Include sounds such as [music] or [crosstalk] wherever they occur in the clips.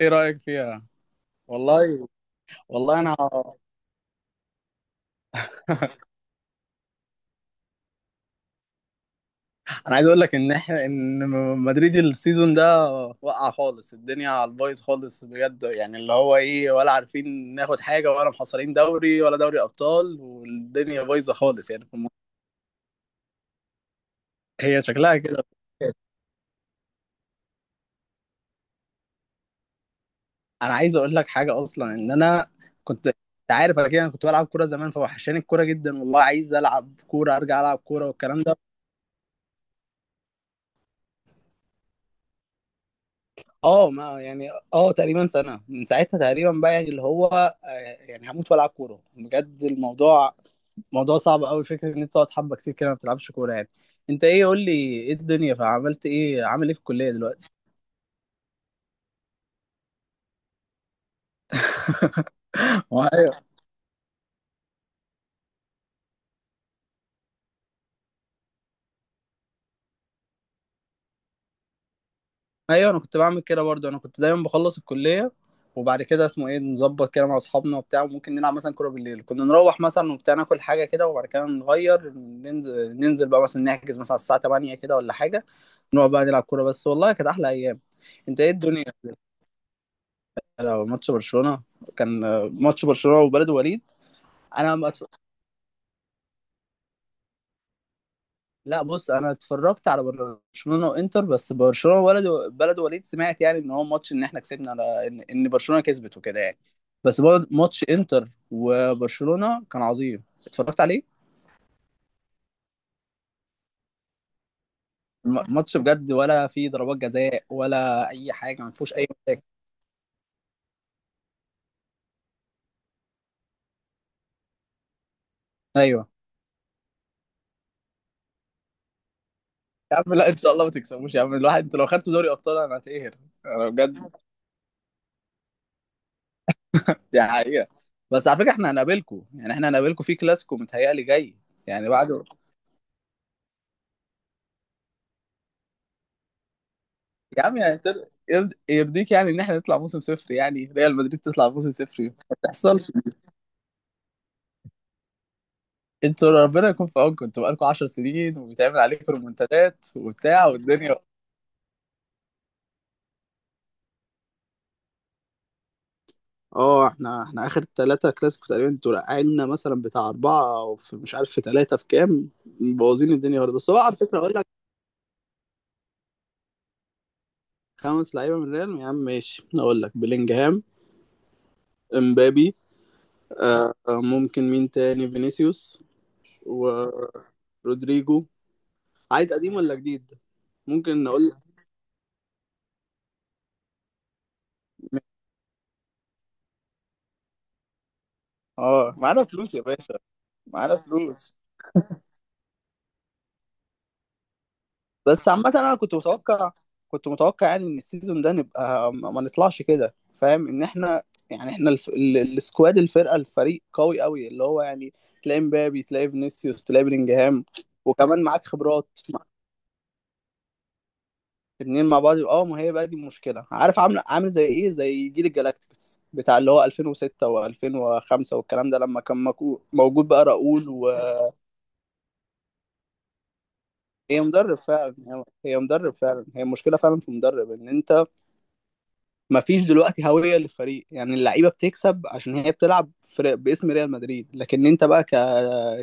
ايه رايك فيها. والله. والله انا. [laughs] انا عايز اقول لك ان احنا مدريد السيزون ده وقع خالص، الدنيا على البايظ خالص بجد. يعني اللي هو ايه، ولا عارفين ناخد حاجه، ولا محصلين دوري ولا دوري ابطال، والدنيا بايظه خالص. يعني هي شكلها كده. انا عايز اقول لك حاجه، اصلا ان انا كنت، انت عارف انا كده، أنا كنت بلعب كوره زمان، فوحشاني الكوره جدا والله، عايز العب كوره، ارجع العب كوره والكلام ده. اه ما يعني، اه تقريبا سنة، من ساعتها تقريبا بقى. يعني اللي هو آه، يعني هموت والعب كورة بجد. الموضوع موضوع صعب قوي، فكرة ان انت تقعد حبة كتير كده ما بتلعبش كورة يعني. انت ايه قول لي، ايه الدنيا، فعملت ايه، عامل ايه في الكلية دلوقتي؟ [laughs] ايوه، انا كنت بعمل كده برضه، انا كنت دايما بخلص الكليه وبعد كده اسمه ايه نظبط كده مع اصحابنا وبتاع، وممكن نلعب مثلا كوره بالليل. كنا نروح مثلا وبتاع ناكل حاجه كده، وبعد كده نغير، ننزل بقى مثلا نحجز مثلا على الساعه 8 كده، ولا حاجه نقعد بقى نلعب كوره بس. والله كانت احلى ايام. انت ايه الدنيا؟ لو ماتش برشلونه كان آه، ماتش برشلونه وبلد وليد. انا ما أتف- لا بص انا اتفرجت على برشلونه وانتر بس. برشلونه ولد بلد وليد سمعت يعني ان هو ماتش، ان احنا كسبنا، على ان برشلونه كسبت وكده يعني. بس برضه ماتش انتر وبرشلونه كان عظيم اتفرجت عليه. ماتش بجد، ولا فيه ضربات جزاء ولا اي حاجه، ما فيهوش اي مشاكل. ايوه. يا عم لا ان شاء الله ما تكسبوش، يا عم الواحد انتوا لو خدتوا دوري ابطال انا هتقهر. انا بجد دي حقيقه. بس على فكره احنا هنقابلكم، يعني احنا هنقابلكم في كلاسيكو متهيألي جاي يعني بعد. يا عم يعني يرضيك يعني ان احنا نطلع موسم صفر، يعني ريال مدريد تطلع موسم صفر ما تحصلش. انتوا ربنا يكون في عونكم، انتوا بقالكم 10 سنين وبيتعمل عليكم ريمونتادات وبتاع والدنيا. اه احنا اخر ثلاثة كلاسيكو تقريبا انتوا رقعنا مثلا بتاع اربعة، او في مش عارف، في ثلاثة، في كام. مبوظين الدنيا خالص. بس هو على فكرة اقول لك. خمس لعيبة من ريال، يا عم ماشي اقول لك بلينجهام، امبابي، آه آه، ممكن مين تاني، فينيسيوس، ورودريجو. عايز قديم ولا جديد؟ ممكن اقول اه معانا فلوس يا باشا. معانا فلوس. بس عامة انا كنت متوقع، كنت متوقع يعني ان السيزون ده نبقى ما نطلعش كده، فاهم ان احنا. يعني احنا السكواد، الفرقة، الفريق قوي قوي اللي هو يعني تلاقي مبابي، تلاقي فينيسيوس، تلاقي بلينجهام. وكمان معاك خبرات مع- اتنين مع بعض. اه ما هي بقى دي المشكلة. عارف عامل عامل زي ايه، زي جيل الجالاكتيكوس بتاع اللي هو 2006 و2005 والكلام ده، لما كان موجود بقى راؤول و... هي مدرب فعلا، هي مدرب فعلا، هي المشكله فعلا في مدرب. ان انت مفيش دلوقتي هويه للفريق، يعني اللعيبه بتكسب عشان هي بتلعب فرق باسم ريال مدريد، لكن انت بقى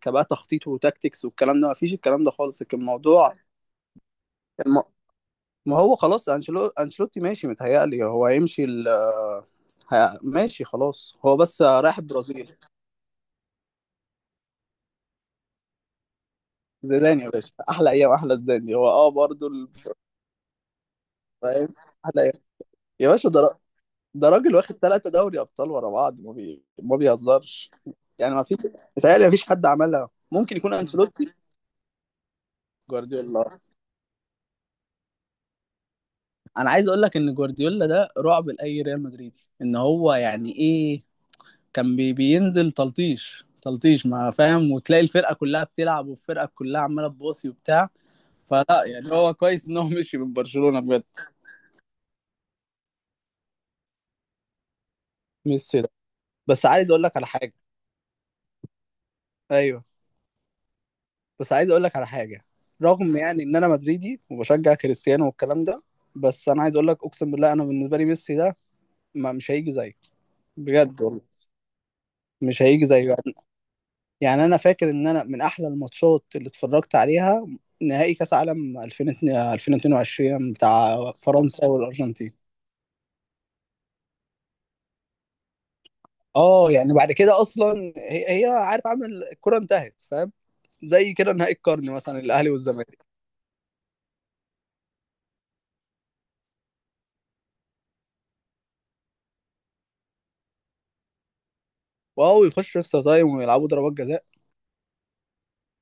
كبقى تخطيط وتاكتكس والكلام ده مفيش، الكلام ده خالص، لكن الموضوع الم... ما هو خلاص انشيلوتي ماشي، متهيألي هو هيمشي ماشي خلاص، هو بس رايح البرازيل. زيدان يا باشا احلى ايام، احلى زيدان دي هو اه برضه فاهم. احلى ايام يا باشا. ده ده راجل واخد ثلاثة دوري ابطال ورا بعض ما بيهزرش. يعني ما فيش، متهيألي ما فيش حد عملها، ممكن يكون انشيلوتي. جوارديولا، انا عايز اقول لك ان جوارديولا ده رعب لاي ريال مدريدي، ان هو يعني ايه، كان بينزل تلطيش تلطيش ما فاهم، وتلاقي الفرقة كلها بتلعب والفرقة كلها عمالة تباصي وبتاع. فلا يعني هو كويس ان هو مشي من برشلونة بجد. ميسي ده بس عايز اقول لك على حاجة. ايوه بس عايز اقول لك على حاجه. رغم يعني ان انا مدريدي وبشجع كريستيانو والكلام ده، بس انا عايز اقول لك اقسم بالله، انا بالنسبه لي ميسي ده ما مش هيجي زيه بجد والله. مش هيجي زيه يعني. يعني انا فاكر ان انا من احلى الماتشات اللي اتفرجت عليها نهائي كاس عالم 2002 2022 بتاع فرنسا والارجنتين. اه يعني بعد كده اصلا هي عارف عامل الكره انتهت فاهم. زي كده نهائي القرن مثلا الاهلي والزمالك. واو، يخش اكسترا تايم ويلعبوا ضربات جزاء.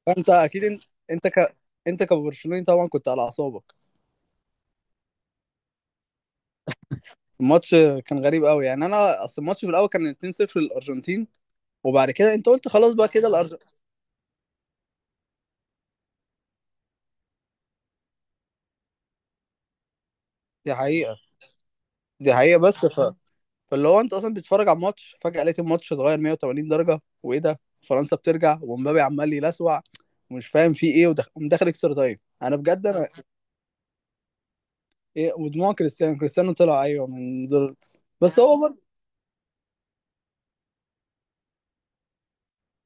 فانت اكيد انت انت ك... انت كبرشلوني طبعا كنت على اعصابك. الماتش كان غريب قوي يعني، انا اصل الماتش في الاول كان 2-0 للارجنتين، وبعد كده انت قلت خلاص بقى كده الارجنتين. دي حقيقه دي حقيقه بس فاللي هو انت اصلا بتتفرج على الماتش، فجاه لقيت الماتش اتغير 180 درجه وايه ده، فرنسا بترجع ومبابي عمال يلسوع ومش فاهم في ايه، ومدخل اكسترا تايم انا بجد انا. إيه ودموع كريستيانو، كريستيانو طلع ايوه من دور بس هو.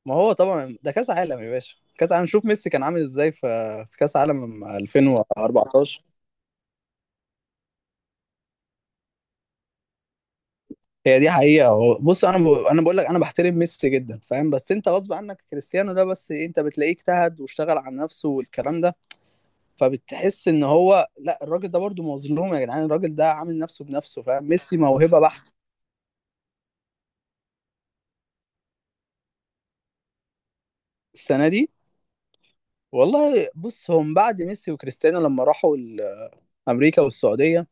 ما هو طبعا ده كاس عالم يا باشا، كاس عالم. شوف ميسي كان عامل ازاي في في كاس عالم 2014. هي دي حقيقة، هو بص انا انا بقول لك انا بحترم ميسي جدا فاهم، بس انت غصب عنك كريستيانو ده بس إيه، انت بتلاقيه اجتهد واشتغل على نفسه والكلام ده، فبتحس ان هو لا الراجل ده برضه مظلوم يا جدعان، الراجل ده عامل نفسه بنفسه فاهم. ميسي موهبة بحت. السنة دي والله بص، هم بعد ميسي وكريستيانو لما راحوا امريكا والسعودية،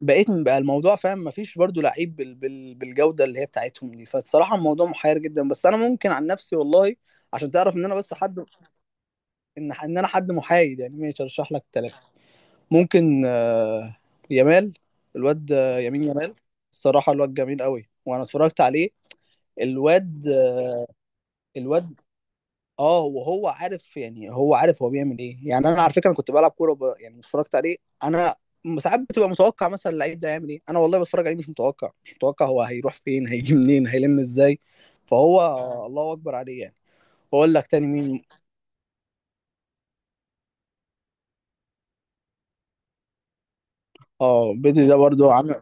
بقى الموضوع فاهم، مفيش برضو لعيب بالجودة اللي هي بتاعتهم دي. فالصراحة الموضوع محير جدا. بس انا ممكن عن نفسي والله، عشان تعرف ان انا بس حد، ان انا حد محايد يعني ماشي ارشح لك ثلاثة. ممكن آه، يامال، الواد آه، يمين يامال. الصراحة الواد جميل قوي وانا اتفرجت عليه. الواد آه، الواد اه. وهو عارف، يعني هو عارف هو بيعمل ايه، يعني انا على فكره انا كنت بلعب كوره يعني اتفرجت عليه. انا ساعات بتبقى متوقع مثلا اللعيب ده هيعمل ايه، انا والله بتفرج عليه مش متوقع مش متوقع هو هيروح فين هيجي منين هيلم ازاي. فهو آه. الله اكبر عليه يعني. واقول لك تاني مين. اه بدري ده برضو عامل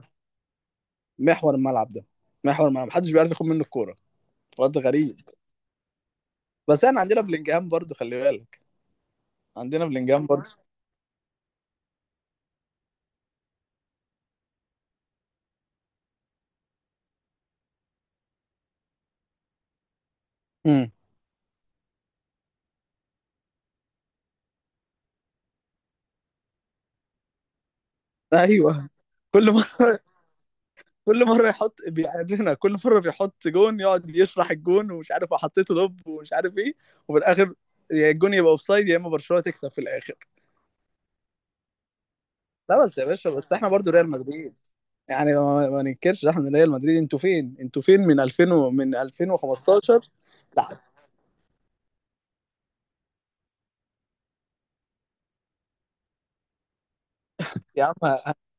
محور الملعب ده. محور الملعب محدش بيعرف ياخد منه الكوره. واد غريب. بس انا عندنا بلينجهام برضو خلي بالك، عندنا بلينجهام برضو. امم. ايوه. كل مره كل مره يحط بيعرفنا، كل مره بيحط جون يقعد يشرح الجون ومش عارف وحطيته لوب ومش عارف ايه. وفي الاخر يا الجون يبقى اوفسايد يا اما برشلونه تكسب في الاخر. لا بس يا باشا، بس احنا برضو ريال مدريد، يعني ما ننكرش احنا ريال مدريد. انتوا فين انتوا فين من 2000 و... من 2015. لا يا عم هنشوف.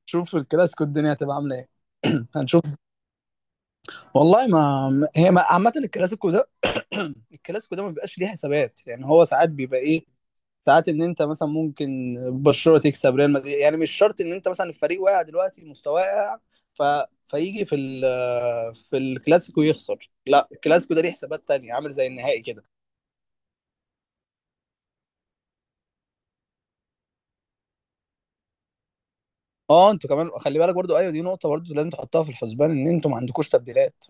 هنشوف في الكلاسيكو الدنيا هتبقى عامله ايه. هنشوف والله. ما هي عامه الكلاسيكو ده [clears throat] الكلاسيكو ده ما بيبقاش ليه حسابات، يعني هو ساعات بيبقى ايه، ساعات ان انت مثلا ممكن برشلونه تكسب ريال مدريد، يعني مش شرط ان انت مثلا الفريق واقع دلوقتي مستواه واقع ف... فيجي في ال... في الكلاسيكو يخسر. لا الكلاسيكو ده ليه حسابات تانية عامل زي النهائي كده. اه انتوا كمان خلي بالك برضو، ايوه دي نقطه برضو لازم تحطها في الحسبان ان انتوا ما عندكوش تبديلات.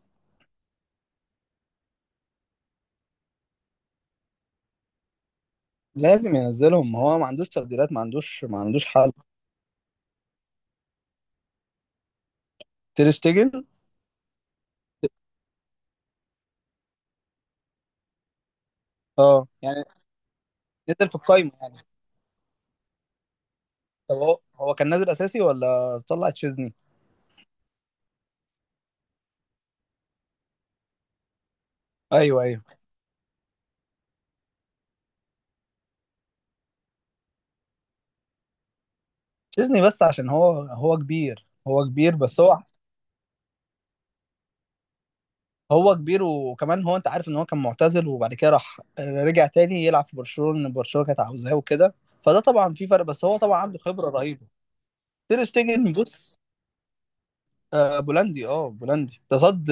لازم ينزلهم، ما هو ما عندوش تبديلات، ما عندوش حل. تير شتيجن اه يعني نزل في القايمه يعني. طب هو كان نازل اساسي ولا طلع تشيزني؟ ايوه ايوه. ديزني، بس عشان هو، كبير بس هو، هو كبير وكمان هو. انت عارف ان هو كان معتزل وبعد كده راح رجع تاني يلعب في برشلونة، برشلونة كانت عاوزاه وكده، فده طبعا في فرق بس هو طبعا عنده خبرة رهيبة. تير شتيجن بص، آه بولندي اه بولندي ده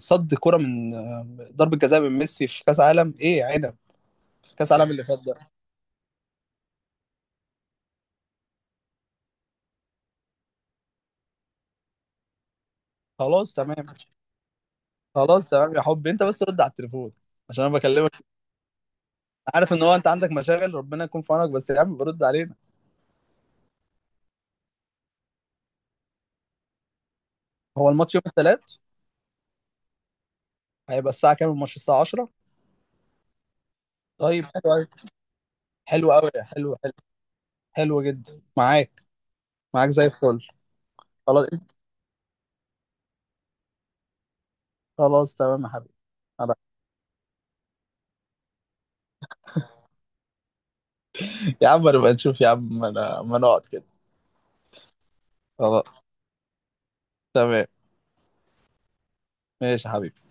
صد كرة من آه، ضربة جزاء من ميسي في كأس عالم ايه يا عنب. في كأس عالم اللي فات ده. خلاص تمام. خلاص تمام يا حبي، انت بس رد على التليفون عشان انا بكلمك، عارف ان هو انت عندك مشاغل، ربنا يكون في عونك بس يا عم برد علينا. هو الماتش يوم الثلاث. هيبقى الساعة كام الماتش، الساعة 10. طيب حلو أوي، حلو أوي، حلو حلو حلو جدا معاك. معاك زي الفل. خلاص. خلاص تمام يا حبيبي. خلاص. يا عم نبقى نشوف، يا عم ما انا ما نقعد كده. خلاص تمام. ماشي يا حبيبي.